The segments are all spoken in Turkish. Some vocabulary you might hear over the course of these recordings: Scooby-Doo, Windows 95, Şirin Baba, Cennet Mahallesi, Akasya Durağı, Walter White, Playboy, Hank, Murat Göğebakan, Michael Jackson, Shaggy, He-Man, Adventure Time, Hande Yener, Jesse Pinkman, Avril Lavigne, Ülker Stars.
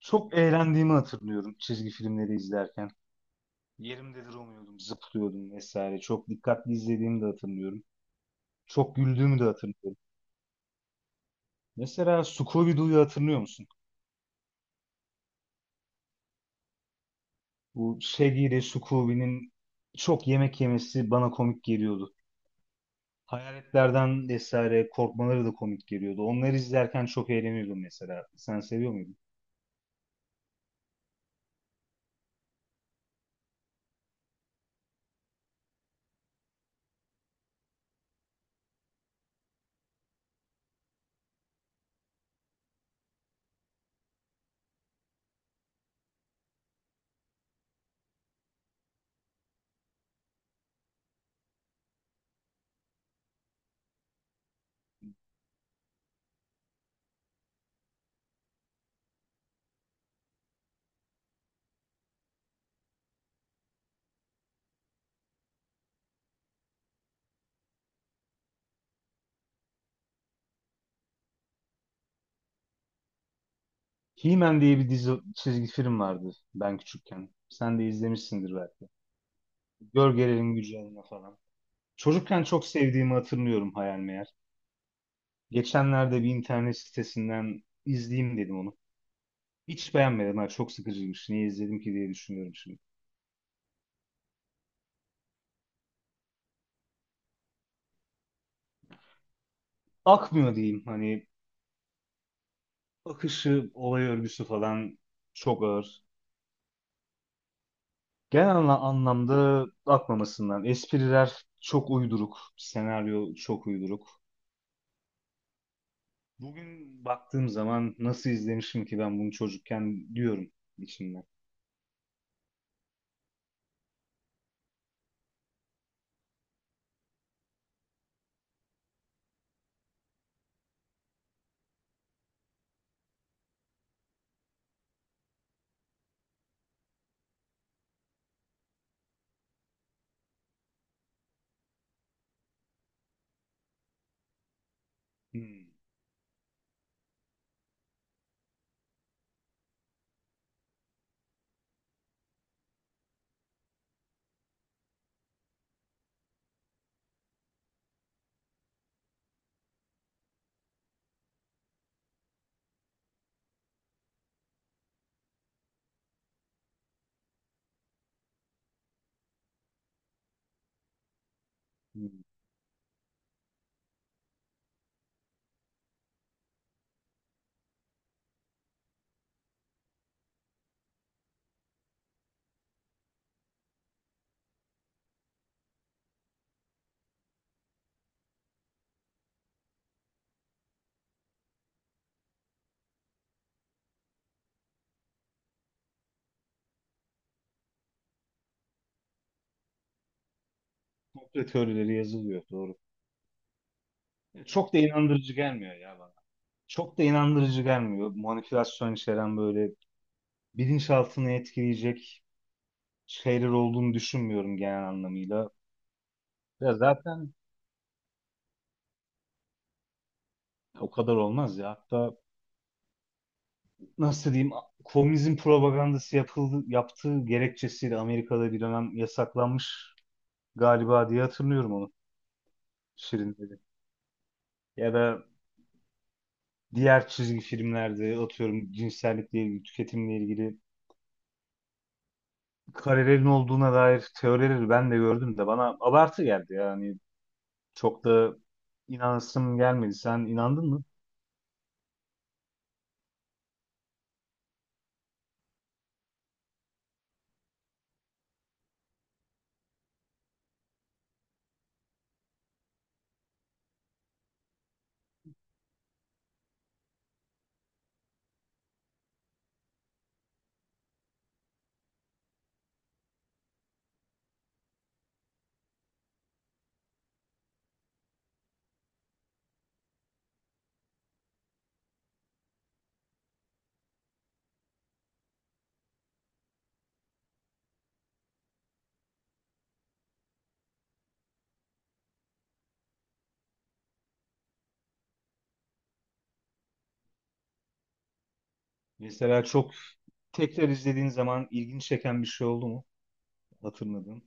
Çok eğlendiğimi hatırlıyorum çizgi filmleri izlerken. Yerimde duramıyordum, zıplıyordum vesaire. Çok dikkatli izlediğimi de hatırlıyorum. Çok güldüğümü de hatırlıyorum. Mesela Scooby-Doo'yu hatırlıyor musun? Bu Shaggy ile Scooby'nin çok yemek yemesi bana komik geliyordu. Hayaletlerden vesaire korkmaları da komik geliyordu. Onları izlerken çok eğleniyordum mesela. Sen seviyor muydun? He-Man diye bir dizi çizgi film vardı ben küçükken. Sen de izlemişsindir belki. Gölgelerin gücü adına falan. Çocukken çok sevdiğimi hatırlıyorum hayal meğer. Geçenlerde bir internet sitesinden izleyeyim dedim onu. Hiç beğenmedim. Ha, çok sıkıcıymış. Niye izledim ki diye düşünüyorum şimdi. Akmıyor diyeyim. Hani akışı, olay örgüsü falan çok ağır. Genel anlamda akmamasından. Espriler çok uyduruk. Senaryo çok uyduruk. Bugün baktığım zaman nasıl izlemişim ki ben bunu çocukken diyorum içimden. Hmm. hmm. Komplo teorileri yazılıyor. Doğru. Çok da inandırıcı gelmiyor ya bana. Çok da inandırıcı gelmiyor. Manipülasyon içeren böyle bilinçaltını etkileyecek şeyler olduğunu düşünmüyorum genel anlamıyla. Ya zaten o kadar olmaz ya. Hatta nasıl diyeyim, komünizm propagandası yapıldı, yaptığı gerekçesiyle Amerika'da bir dönem yasaklanmış galiba diye hatırlıyorum onu Şirin dedi. Ya da diğer çizgi filmlerde atıyorum cinsellikle ilgili, tüketimle ilgili karelerin olduğuna dair teorileri ben de gördüm de bana abartı geldi yani çok da inanasım gelmedi. Sen inandın mı? Mesela çok tekrar izlediğin zaman ilginç çeken bir şey oldu mu? Hatırladın.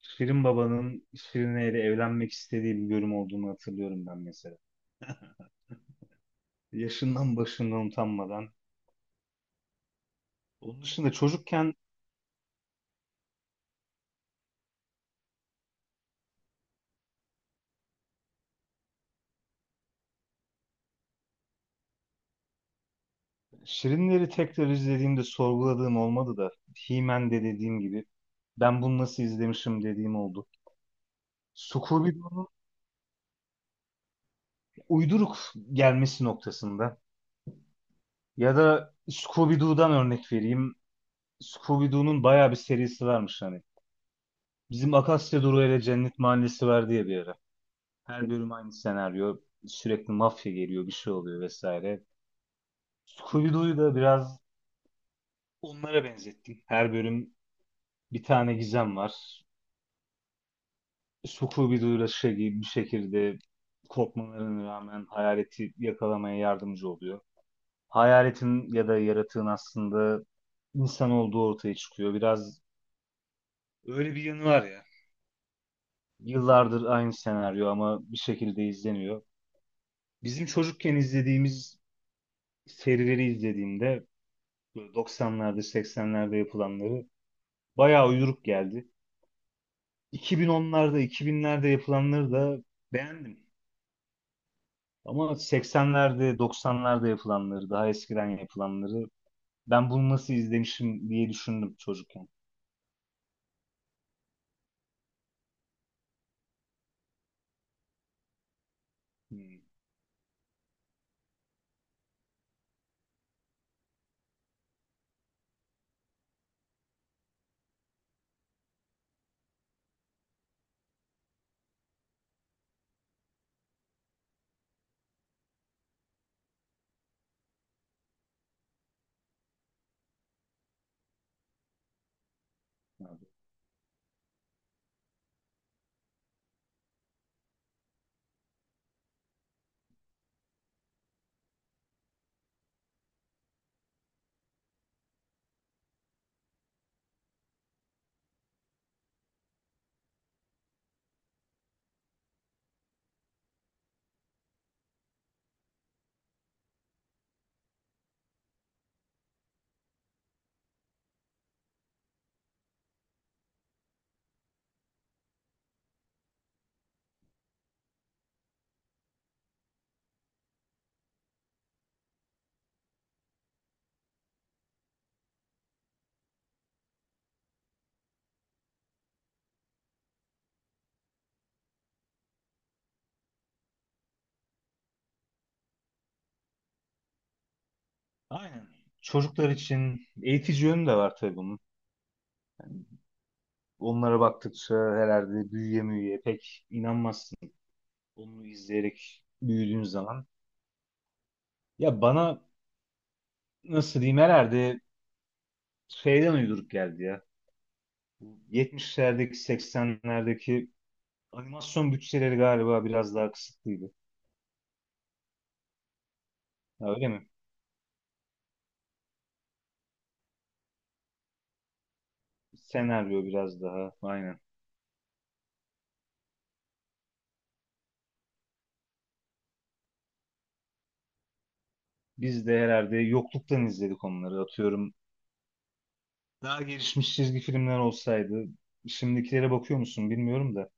Şirin Baba'nın Şirine ile evlenmek istediği bir bölüm olduğunu hatırlıyorum ben mesela. Yaşından başından utanmadan. Onun dışında çocukken Şirinleri tekrar izlediğimde sorguladığım olmadı da He-Man'de dediğim gibi ben bunu nasıl izlemişim dediğim oldu. Scooby uyduruk gelmesi noktasında. Ya da Scooby-Doo'dan örnek vereyim. Scooby-Doo'nun bayağı bir serisi varmış hani. Bizim Akasya Durağı ile Cennet Mahallesi var diye bir ara. Her bölüm aynı senaryo. Sürekli mafya geliyor, bir şey oluyor vesaire. Scooby-Doo'yu da biraz onlara benzettim. Her bölüm bir tane gizem var. Scooby-Doo'yla Shaggy bir şekilde korkmalarına rağmen hayaleti yakalamaya yardımcı oluyor. Hayaletin ya da yaratığın aslında insan olduğu ortaya çıkıyor. Biraz öyle bir yanı var ya. Yıllardır aynı senaryo ama bir şekilde izleniyor. Bizim çocukken izlediğimiz serileri izlediğimde böyle 90'larda 80'lerde yapılanları bayağı uyduruk geldi. 2010'larda 2000'lerde yapılanları da beğendim. Ama 80'lerde 90'larda yapılanları daha eskiden yapılanları ben bunu nasıl izlemişim diye düşündüm çocukken. Hmm. Evet. Aynen. Çocuklar için eğitici yönü de var tabii bunun. Onlara baktıkça herhalde büyüye müyüye pek inanmazsın. Onu izleyerek büyüdüğün zaman. Ya bana nasıl diyeyim herhalde şeyden uyduruk geldi ya. Bu 70'lerdeki 80'lerdeki animasyon bütçeleri galiba biraz daha kısıtlıydı. Ha, öyle mi? Senaryo biraz daha aynen. Biz de herhalde yokluktan izledik onları atıyorum. Daha gelişmiş çizgi filmler olsaydı, şimdikilere bakıyor musun bilmiyorum da.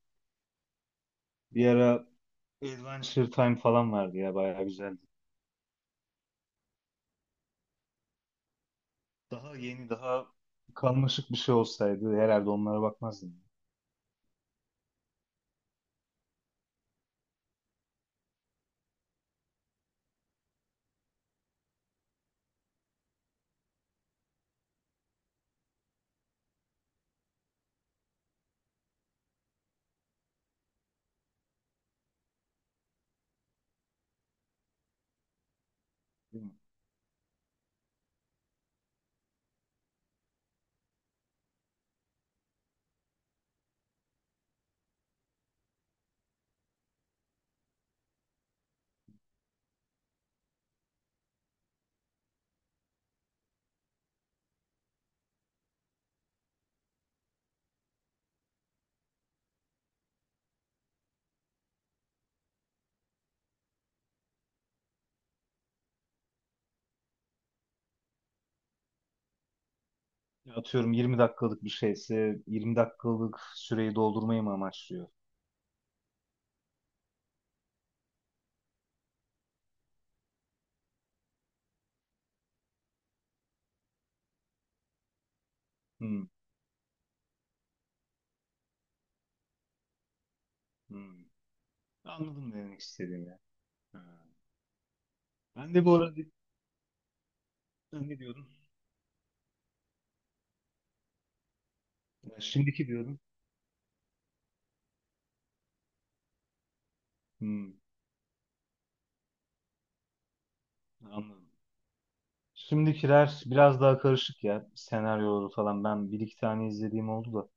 Bir ara Adventure Time falan vardı ya, bayağı güzeldi. Daha yeni daha karmaşık bir şey olsaydı herhalde onlara bakmazdım. Değil mi? Ya atıyorum 20 dakikalık bir şeyse 20 dakikalık süreyi doldurmayı mı amaçlıyor? Hmm. Hmm. Anladım ne demek istediğini. Ha. Ben de bu arada ne diyordum? Ya şimdiki diyordum. Hmm, anladım. Şimdikiler biraz daha karışık ya senaryoları falan. Ben bir iki tane izlediğim oldu da.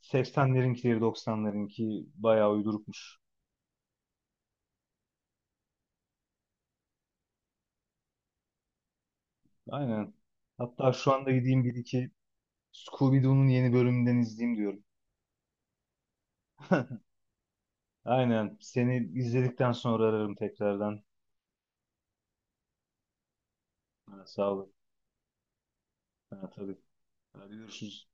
80'lerinkileri 90'larınki bayağı uydurukmuş. Aynen. Hatta şu anda gideyim bir iki Scooby-Doo'nun yeni bölümünden izleyeyim diyorum. Aynen. Seni izledikten sonra ararım tekrardan. Ha, sağ olun. Ha, tabii. Hadi görüşürüz.